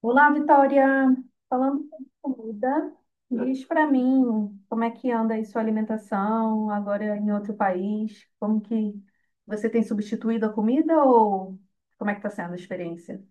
Olá, Vitória. Falando sobre comida, diz para mim como é que anda aí sua alimentação agora em outro país? Como que você tem substituído a comida ou como é que está sendo a experiência?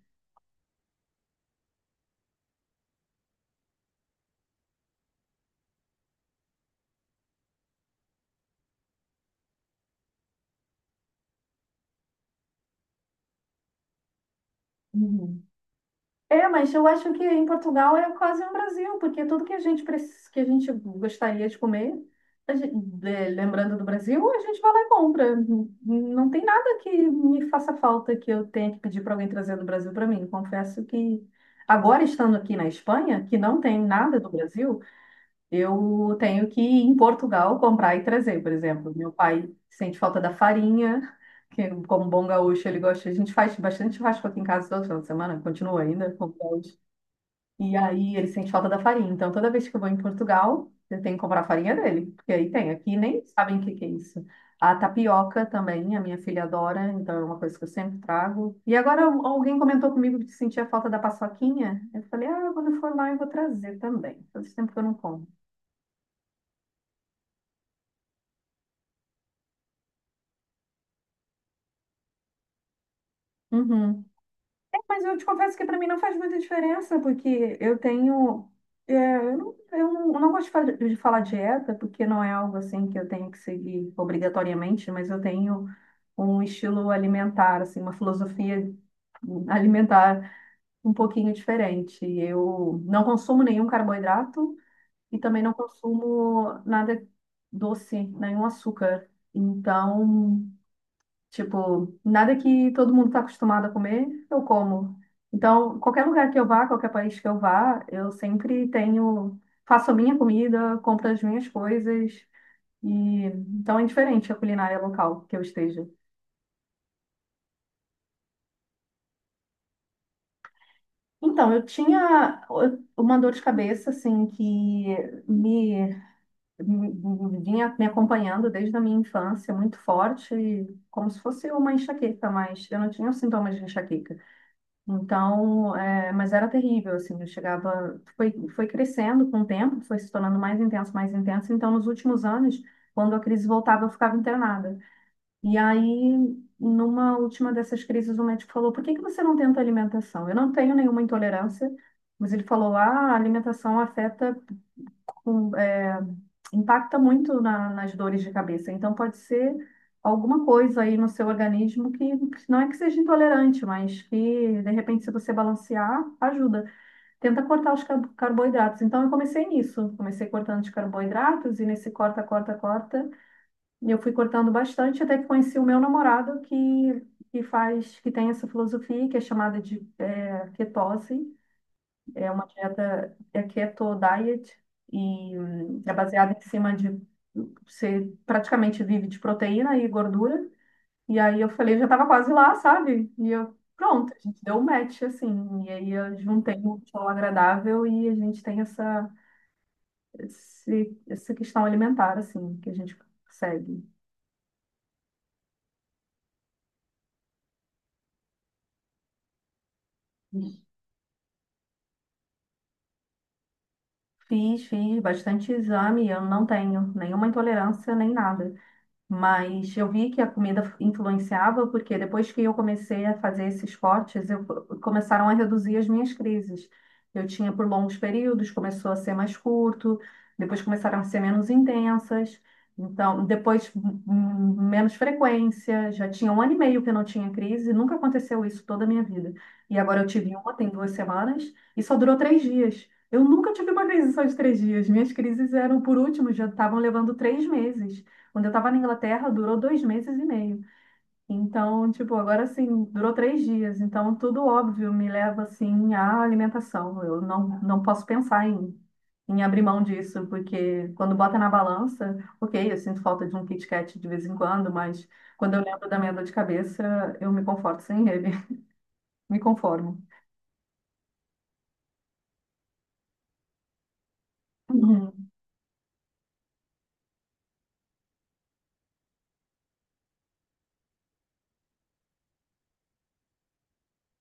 É, mas eu acho que em Portugal é quase um Brasil, porque tudo que a gente que a gente gostaria de comer, a gente- lembrando do Brasil, a gente vai lá e compra. Não tem nada que me faça falta que eu tenha que pedir para alguém trazer do Brasil para mim. Confesso que agora estando aqui na Espanha, que não tem nada do Brasil, eu tenho que ir em Portugal comprar e trazer, por exemplo. Meu pai sente falta da farinha, que como bom gaúcho ele gosta. A gente faz bastante churrasco aqui em casa todo final de semana, continua ainda como gaúcho. E aí ele sente falta da farinha. Então toda vez que eu vou em Portugal, eu tenho que comprar a farinha dele, porque aí tem. Aqui nem sabem o que que é isso. A tapioca também, a minha filha adora, então é uma coisa que eu sempre trago. E agora alguém comentou comigo que sentia falta da paçoquinha. Eu falei, ah, quando eu for lá eu vou trazer também. Faz tempo que eu não como. Uhum. É, mas eu te confesso que para mim não faz muita diferença, porque eu tenho. Eu não gosto de falar dieta, porque não é algo assim que eu tenho que seguir obrigatoriamente, mas eu tenho um estilo alimentar, assim, uma filosofia alimentar um pouquinho diferente. Eu não consumo nenhum carboidrato e também não consumo nada doce, nenhum açúcar. Então. Tipo, nada que todo mundo está acostumado a comer, eu como. Então, qualquer lugar que eu vá, qualquer país que eu vá, eu sempre tenho, faço a minha comida, compro as minhas coisas. E então é diferente a culinária local que eu esteja. Então, eu tinha uma dor de cabeça, assim, que me, me vinha me acompanhando desde a minha infância, muito forte, como se fosse uma enxaqueca, mas eu não tinha os sintomas de enxaqueca. Então, mas era terrível, assim, eu chegava, foi crescendo com o tempo, foi se tornando mais intenso, mais intenso. Então, nos últimos anos, quando a crise voltava, eu ficava internada. E aí, numa última dessas crises, o médico falou: Por que que você não tenta alimentação? Eu não tenho nenhuma intolerância, mas ele falou: Ah, a alimentação afeta com- é, impacta muito nas dores de cabeça. Então, pode ser alguma coisa aí no seu organismo que não é que seja intolerante, mas que, de repente, se você balancear, ajuda. Tenta cortar os carboidratos. Então, eu comecei nisso. Comecei cortando os carboidratos e nesse corta, corta, corta. E eu fui cortando bastante até que conheci o meu namorado que faz, que tem essa filosofia que é chamada de ketose, é uma dieta, é keto diet, e é baseada em cima de, você praticamente vive de proteína e gordura. E aí eu falei, já tava quase lá, sabe? E eu, pronto, a gente deu um match, assim. E aí eu juntei o útil ao agradável e a gente tem essa questão alimentar, assim, que a gente segue. Fiz bastante exame, eu não tenho nenhuma intolerância nem nada. Mas eu vi que a comida influenciava, porque depois que eu comecei a fazer esses cortes, começaram a reduzir as minhas crises. Eu tinha por longos períodos, começou a ser mais curto, depois começaram a ser menos intensas, então depois menos frequência. Já tinha um ano e meio que eu não tinha crise, nunca aconteceu isso toda a minha vida. E agora eu tive uma, tem 2 semanas, e só durou 3 dias. Eu nunca tive uma crise só de 3 dias. Minhas crises eram, por último, já estavam levando 3 meses. Quando eu tava na Inglaterra, durou 2 meses e meio. Então, tipo, agora assim, durou 3 dias. Então, tudo óbvio me leva, assim, à alimentação. Eu não posso pensar em abrir mão disso, porque quando bota na balança, ok, eu sinto falta de um Kit Kat de vez em quando, mas quando eu lembro da minha dor de cabeça, eu me conforto sem ele. Me conformo. Uhum.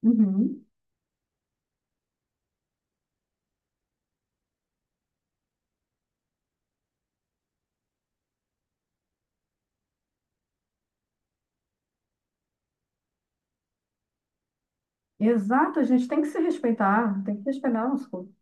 Uhum. Exato, a gente tem que se respeitar, tem que respeitar o nosso corpo.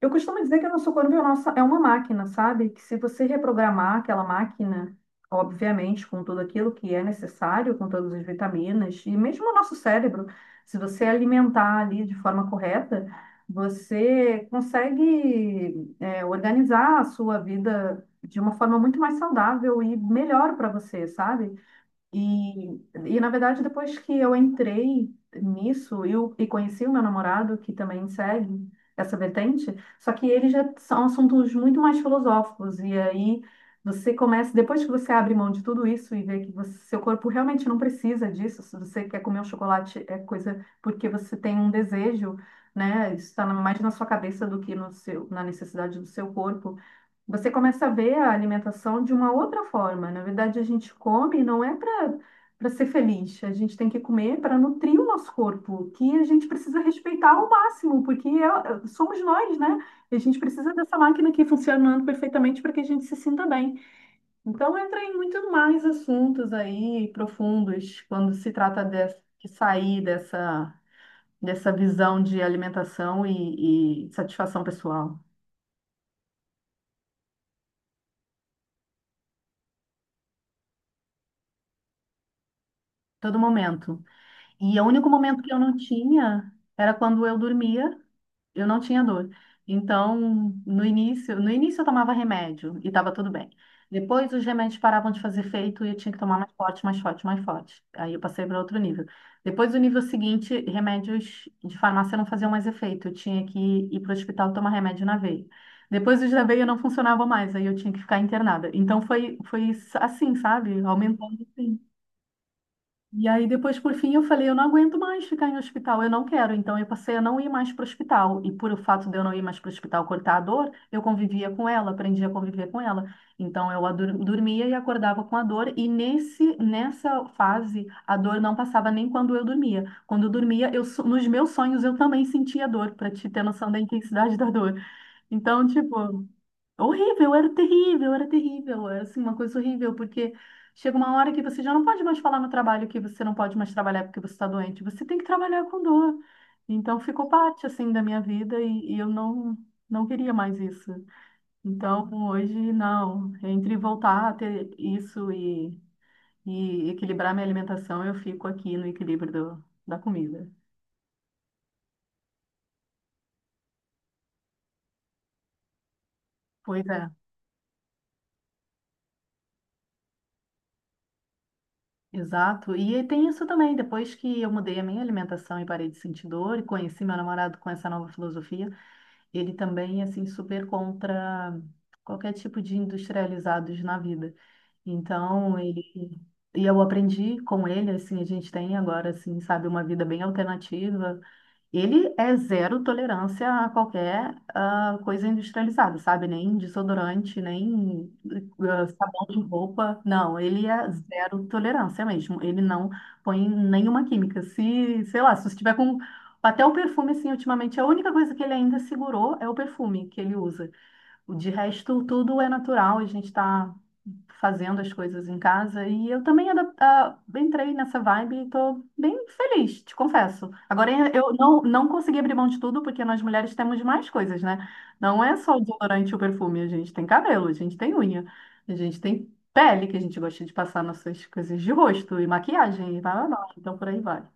Eu costumo dizer que o nosso corpo é uma máquina, sabe? Que se você reprogramar aquela máquina, obviamente, com tudo aquilo que é necessário, com todas as vitaminas, e mesmo o nosso cérebro, se você alimentar ali de forma correta, você consegue, organizar a sua vida de uma forma muito mais saudável e melhor para você, sabe? E na verdade, depois que eu entrei nisso e conheci o meu namorado, que também segue essa vertente, só que eles já são assuntos muito mais filosóficos. E aí você começa, depois que você abre mão de tudo isso e vê que seu corpo realmente não precisa disso, se você quer comer um chocolate, é coisa porque você tem um desejo, né? Isso está mais na sua cabeça do que no seu, na necessidade do seu corpo. Você começa a ver a alimentação de uma outra forma. Na verdade, a gente come não é para ser feliz. A gente tem que comer para nutrir o nosso corpo, que a gente precisa respeitar ao máximo, porque somos nós, né? E a gente precisa dessa máquina aqui funcionando perfeitamente para que a gente se sinta bem. Então, entra em muito mais assuntos aí profundos quando se trata de sair dessa visão de alimentação e satisfação pessoal. Todo momento. E o único momento que eu não tinha era quando eu dormia, eu não tinha dor. Então, no início eu tomava remédio e estava tudo bem. Depois os remédios paravam de fazer efeito e eu tinha que tomar mais forte, mais forte, mais forte. Aí eu passei para outro nível. Depois do nível seguinte, remédios de farmácia não faziam mais efeito. Eu tinha que ir para o hospital tomar remédio na veia. Depois os da veia não funcionavam mais, aí eu tinha que ficar internada. Então foi assim, sabe? Aumentando, assim. E aí, depois, por fim, eu falei, eu não aguento mais ficar em hospital, eu não quero. Então, eu passei a não ir mais para o hospital. E por o fato de eu não ir mais para o hospital cortar a dor, eu convivia com ela, aprendi a conviver com ela. Então, eu dormia e acordava com a dor. E nessa fase, a dor não passava nem quando eu dormia. Quando eu dormia, nos meus sonhos, eu também sentia dor, para te ter noção da intensidade da dor. Então, tipo. Horrível, era terrível, era terrível, era assim, uma coisa horrível, porque chega uma hora que você já não pode mais falar no trabalho que você não pode mais trabalhar porque você está doente, você tem que trabalhar com dor. Então ficou parte assim da minha vida e eu não queria mais isso. Então hoje não, entre voltar a ter isso e equilibrar minha alimentação, eu fico aqui no equilíbrio da comida. Pois é. Exato. E tem isso também, depois que eu mudei a minha alimentação e parei de sentir dor e conheci meu namorado com essa nova filosofia, ele também é assim super contra qualquer tipo de industrializados na vida. Então, ele e eu aprendi com ele assim, a gente tem agora assim, sabe, uma vida bem alternativa. Ele é zero tolerância a qualquer coisa industrializada, sabe? Nem desodorante, nem sabão de roupa. Não, ele é zero tolerância mesmo. Ele não põe nenhuma química. Se, sei lá, se você tiver com. Até o perfume, assim, ultimamente, a única coisa que ele ainda segurou é o perfume que ele usa. De resto, tudo é natural, a gente está fazendo as coisas em casa e eu também entrei nessa vibe e estou bem feliz, te confesso. Agora, eu não consegui abrir mão de tudo porque nós mulheres temos mais coisas, né? Não é só o desodorante e o perfume, a gente tem cabelo, a gente tem unha, a gente tem pele que a gente gosta de passar nossas coisas de rosto e maquiagem e blá blá blá. Então, por aí vai.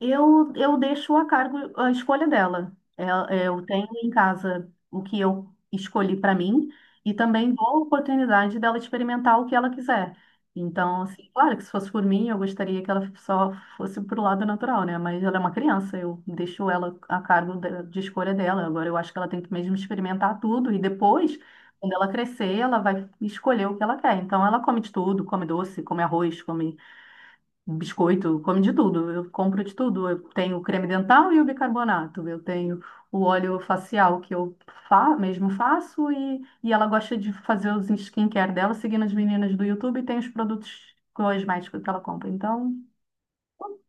Eu deixo a cargo a escolha dela. É- Eu tenho em casa o que eu escolhi para mim e também dou a oportunidade dela experimentar o que ela quiser. Então, assim, claro que se fosse por mim, eu gostaria que ela só fosse pro lado natural, né? Mas ela é uma criança, eu deixo ela a cargo de escolha dela. Agora, eu acho que ela tem que mesmo experimentar tudo e depois, quando ela crescer, ela vai escolher o que ela quer. Então, ela come de tudo, come doce, come arroz, come um biscoito, come de tudo. Eu compro de tudo. Eu tenho o creme dental e o bicarbonato. Eu tenho o óleo facial que eu fa mesmo faço e ela gosta de fazer os skincare dela, seguindo as meninas do YouTube e tem os produtos cosméticos que ela compra. Então,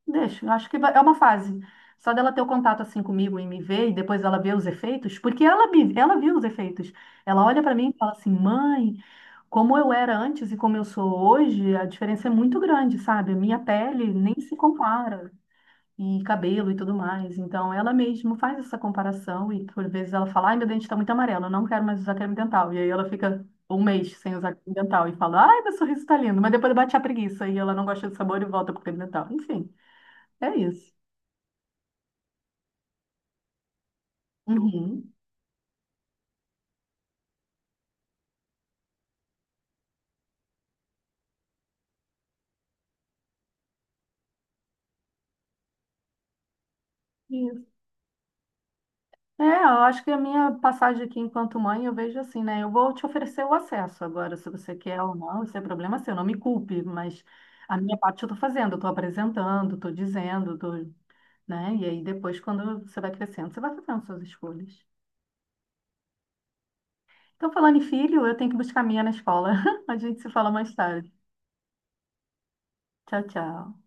deixa. Eu acho que é uma fase. Só dela ter o contato assim comigo e me ver e depois ela ver os efeitos, porque ela viu os efeitos. Ela olha para mim e fala assim, mãe. Como eu era antes e como eu sou hoje, a diferença é muito grande, sabe? A minha pele nem se compara, e cabelo e tudo mais. Então, ela mesma faz essa comparação e, por vezes, ela fala: Ai, meu dente está muito amarelo, eu não quero mais usar creme dental. E aí ela fica um mês sem usar creme dental e fala: Ai, meu sorriso está lindo. Mas depois bate a preguiça e ela não gosta do sabor e volta pro creme dental. Enfim, é isso. Uhum. Isso. É, eu acho que a minha passagem aqui enquanto mãe, eu vejo assim, né? Eu vou te oferecer o acesso agora, se você quer ou não, isso é problema seu, não me culpe, mas a minha parte eu tô fazendo, eu tô apresentando, tô dizendo, tô, né? E aí depois, quando você vai crescendo, você vai fazendo suas escolhas. Então, falando em filho, eu tenho que buscar a minha na escola. A gente se fala mais tarde. Tchau, tchau.